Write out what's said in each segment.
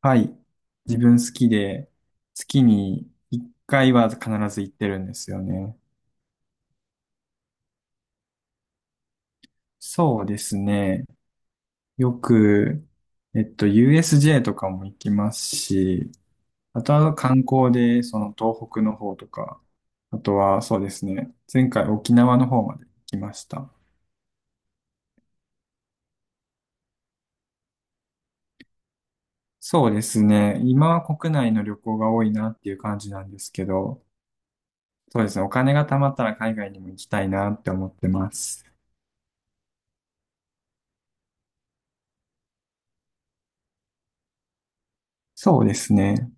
はい。自分好きで、月に1回は必ず行ってるんですよね。そうですね。よく、USJ とかも行きますし、あとは観光で、その東北の方とか、あとはそうですね。前回沖縄の方まで行きました。そうですね。今は国内の旅行が多いなっていう感じなんですけど、そうですね。お金が貯まったら海外にも行きたいなって思ってます。そうですね。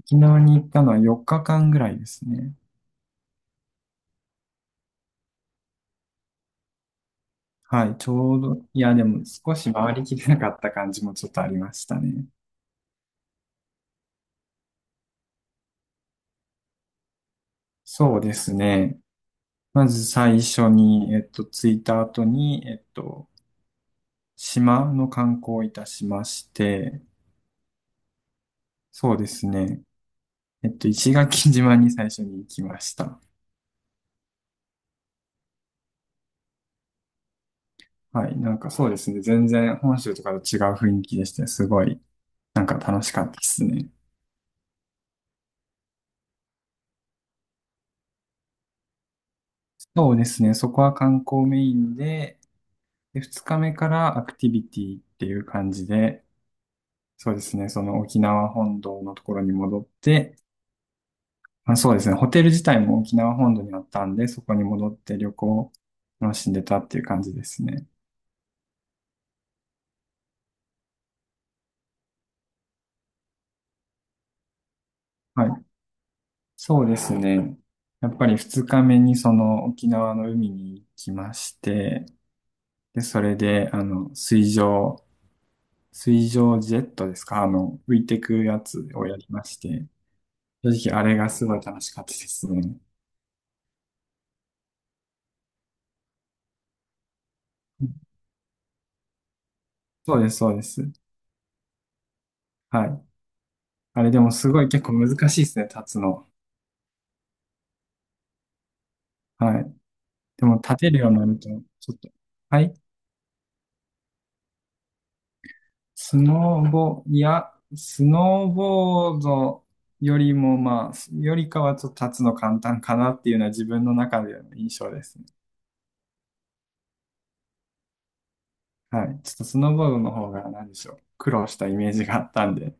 沖縄に行ったのは4日間ぐらいですね。はい、ちょうど、いや、でも少し回りきれなかった感じもちょっとありましたね。そうですね。まず最初に、着いた後に、島の観光をいたしまして、そうですね。石垣島に最初に行きました。はい、なんかそうですね。全然本州とかと違う雰囲気でして、すごい、なんか楽しかったですね。そうですね。そこは観光メインで、で、二日目からアクティビティっていう感じで、そうですね、その沖縄本島のところに戻って、まあ、そうですね、ホテル自体も沖縄本島にあったんで、そこに戻って旅行を楽しんでたっていう感じですね。はい。そうですね。やっぱり二日目にその沖縄の海に行きまして、で、それで、あの、水上ジェットですか、あの、浮いてくやつをやりまして、正直あれがすごい楽しかったですね。そうです、そうです。はい。あれでもすごい結構難しいですね、立つの。はい。でも立てるようになると、ちょっと。はい。スノーボ、いや、スノーボードよりもまあ、よりかはちょっと立つの簡単かなっていうのは自分の中での印象ですね。はい。ちょっとスノーボードの方が何でしょう。苦労したイメージがあったんで。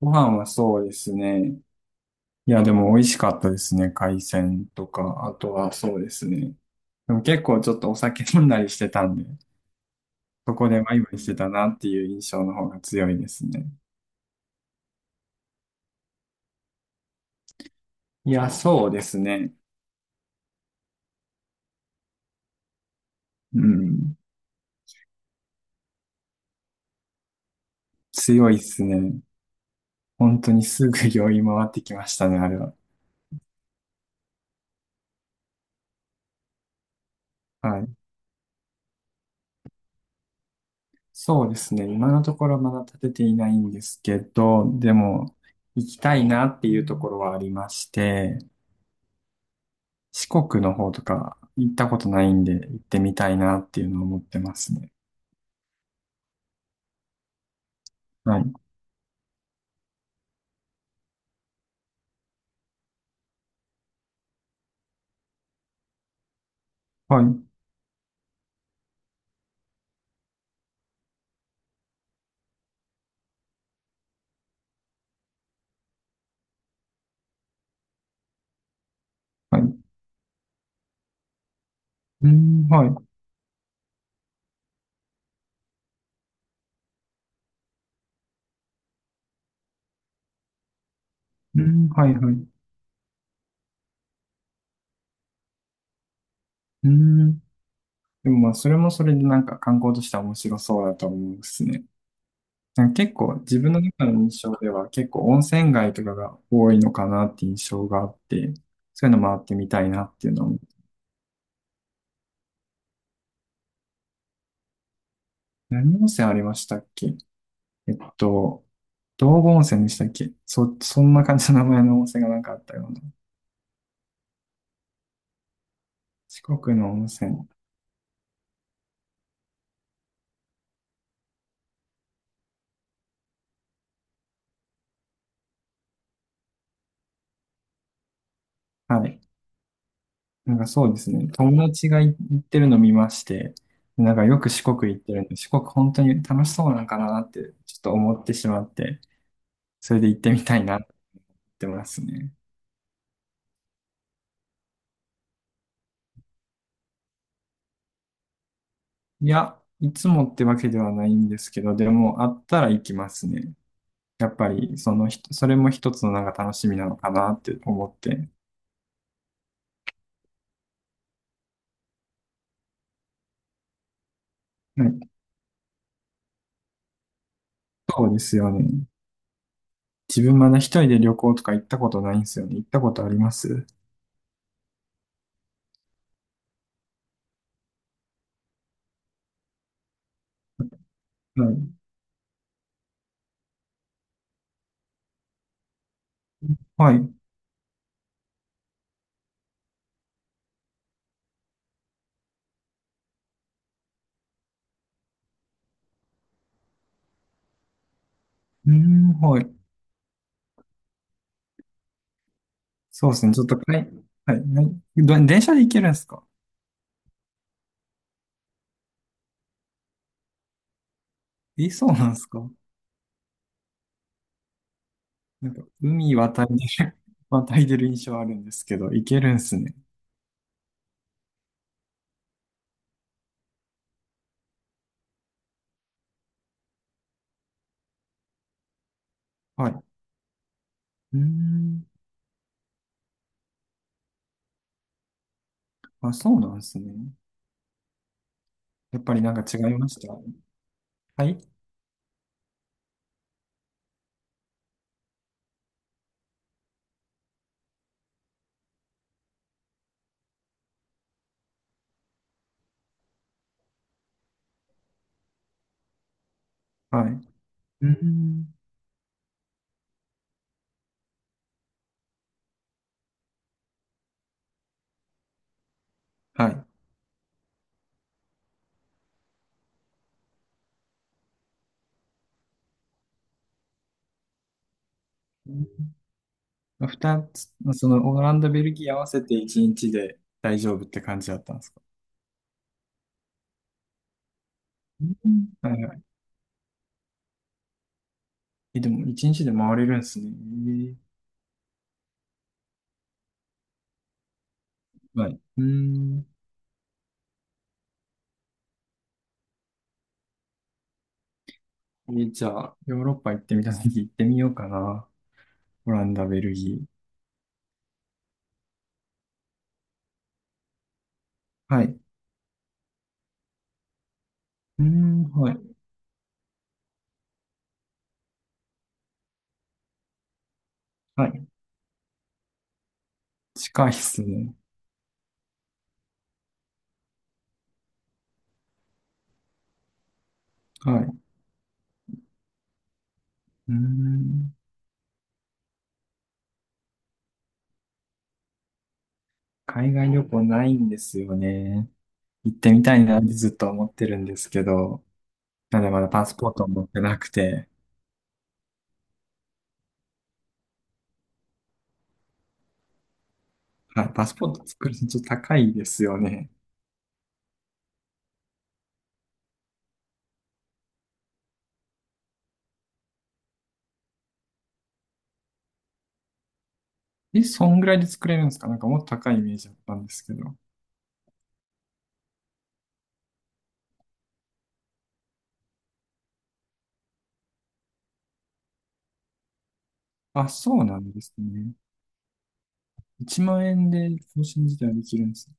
ご飯はそうですね。いや、でも美味しかったですね。海鮮とか、あとはそうですね。でも結構ちょっとお酒飲んだりしてたんで。そこでワイワイしてたなっていう印象の方が強いですね。いや、そうですね。うん。強いですね。本当にすぐ酔い回ってきましたね、あれは。はい。そうですね。今のところまだ立てていないんですけど、でも、行きたいなっていうところはありまして、四国の方とか行ったことないんで行ってみたいなっていうのを思ってますね。はい。はい。はい。うん、はい。うん、はい、はい。うん。でもまあ、それもそれでなんか観光としては面白そうだと思うですね。なんか結構自分の中の印象では結構温泉街とかが多いのかなって印象があって、そういうの回ってみたいなっていうのも。何温泉ありましたっけ。えっと、道後温泉でしたっけ。そんな感じの名前の温泉がなんかあったような。四国の温泉。はい。なんかそうですね。友達が行ってるの見まして、なんかよく四国行ってるんで、四国本当に楽しそうなんかなってちょっと思ってしまって、それで行ってみたいなって思いますね。いや、いつもってわけではないんですけど、でもあったら行きますね。やっぱり、そのひ、それも一つのなんか楽しみなのかなって思って。はい、そうですよね。自分まだ一人で旅行とか行ったことないんですよね。行ったことありますはい。はい。うーん、はい。そうですね。ちょっと、はい。はい。はい、電車で行けるんですか。え、そうなんですか。なんか、海渡りで 渡り出る印象あるんですけど、行けるんすね。はい。うーん。あ、そうなんですね。やっぱりなんか違いましたはい。はい。うーん。はい。うん。ふたつ、そのオランダ、ベルギー合わせて一日で大丈夫って感じだったんですか。うん、はいはい。え、でも一日で回れるんですね。ええ、はい。うん。え、じゃあ、ヨーロッパ行ってみたとき行ってみようかな。オランダ、ベルギー。はい。うん、はい。はい。近いっすね。はい。うん。海外旅行ないんですよね。行ってみたいなってずっと思ってるんですけど、なんでまだパスポートを持ってなくて、はい、パスポート作るのちょっと高いですよね。え、そんぐらいで作れるんですか。なんかもっと高いイメージだったんですけど。あ、そうなんですね。1万円で更新自体はできるんですね。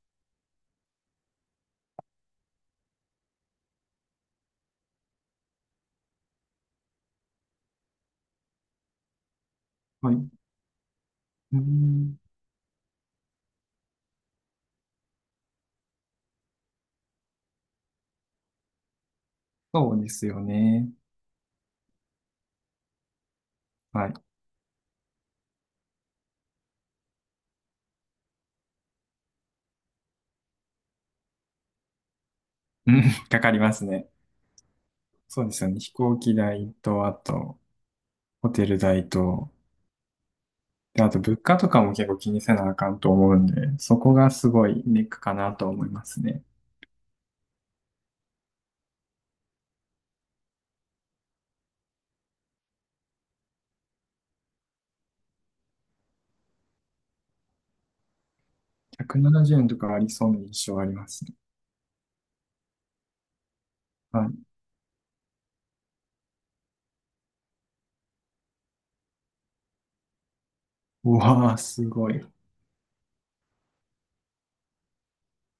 はい。うーん、そうですよね。はい。うん、かかりますね。そうですよね。飛行機代と、あと、ホテル代と、で、あと物価とかも結構気にせなあかんと思うんで、そこがすごいネックかなと思いますね。170円とかありそうな印象ありますね。はい。うわー、すごい。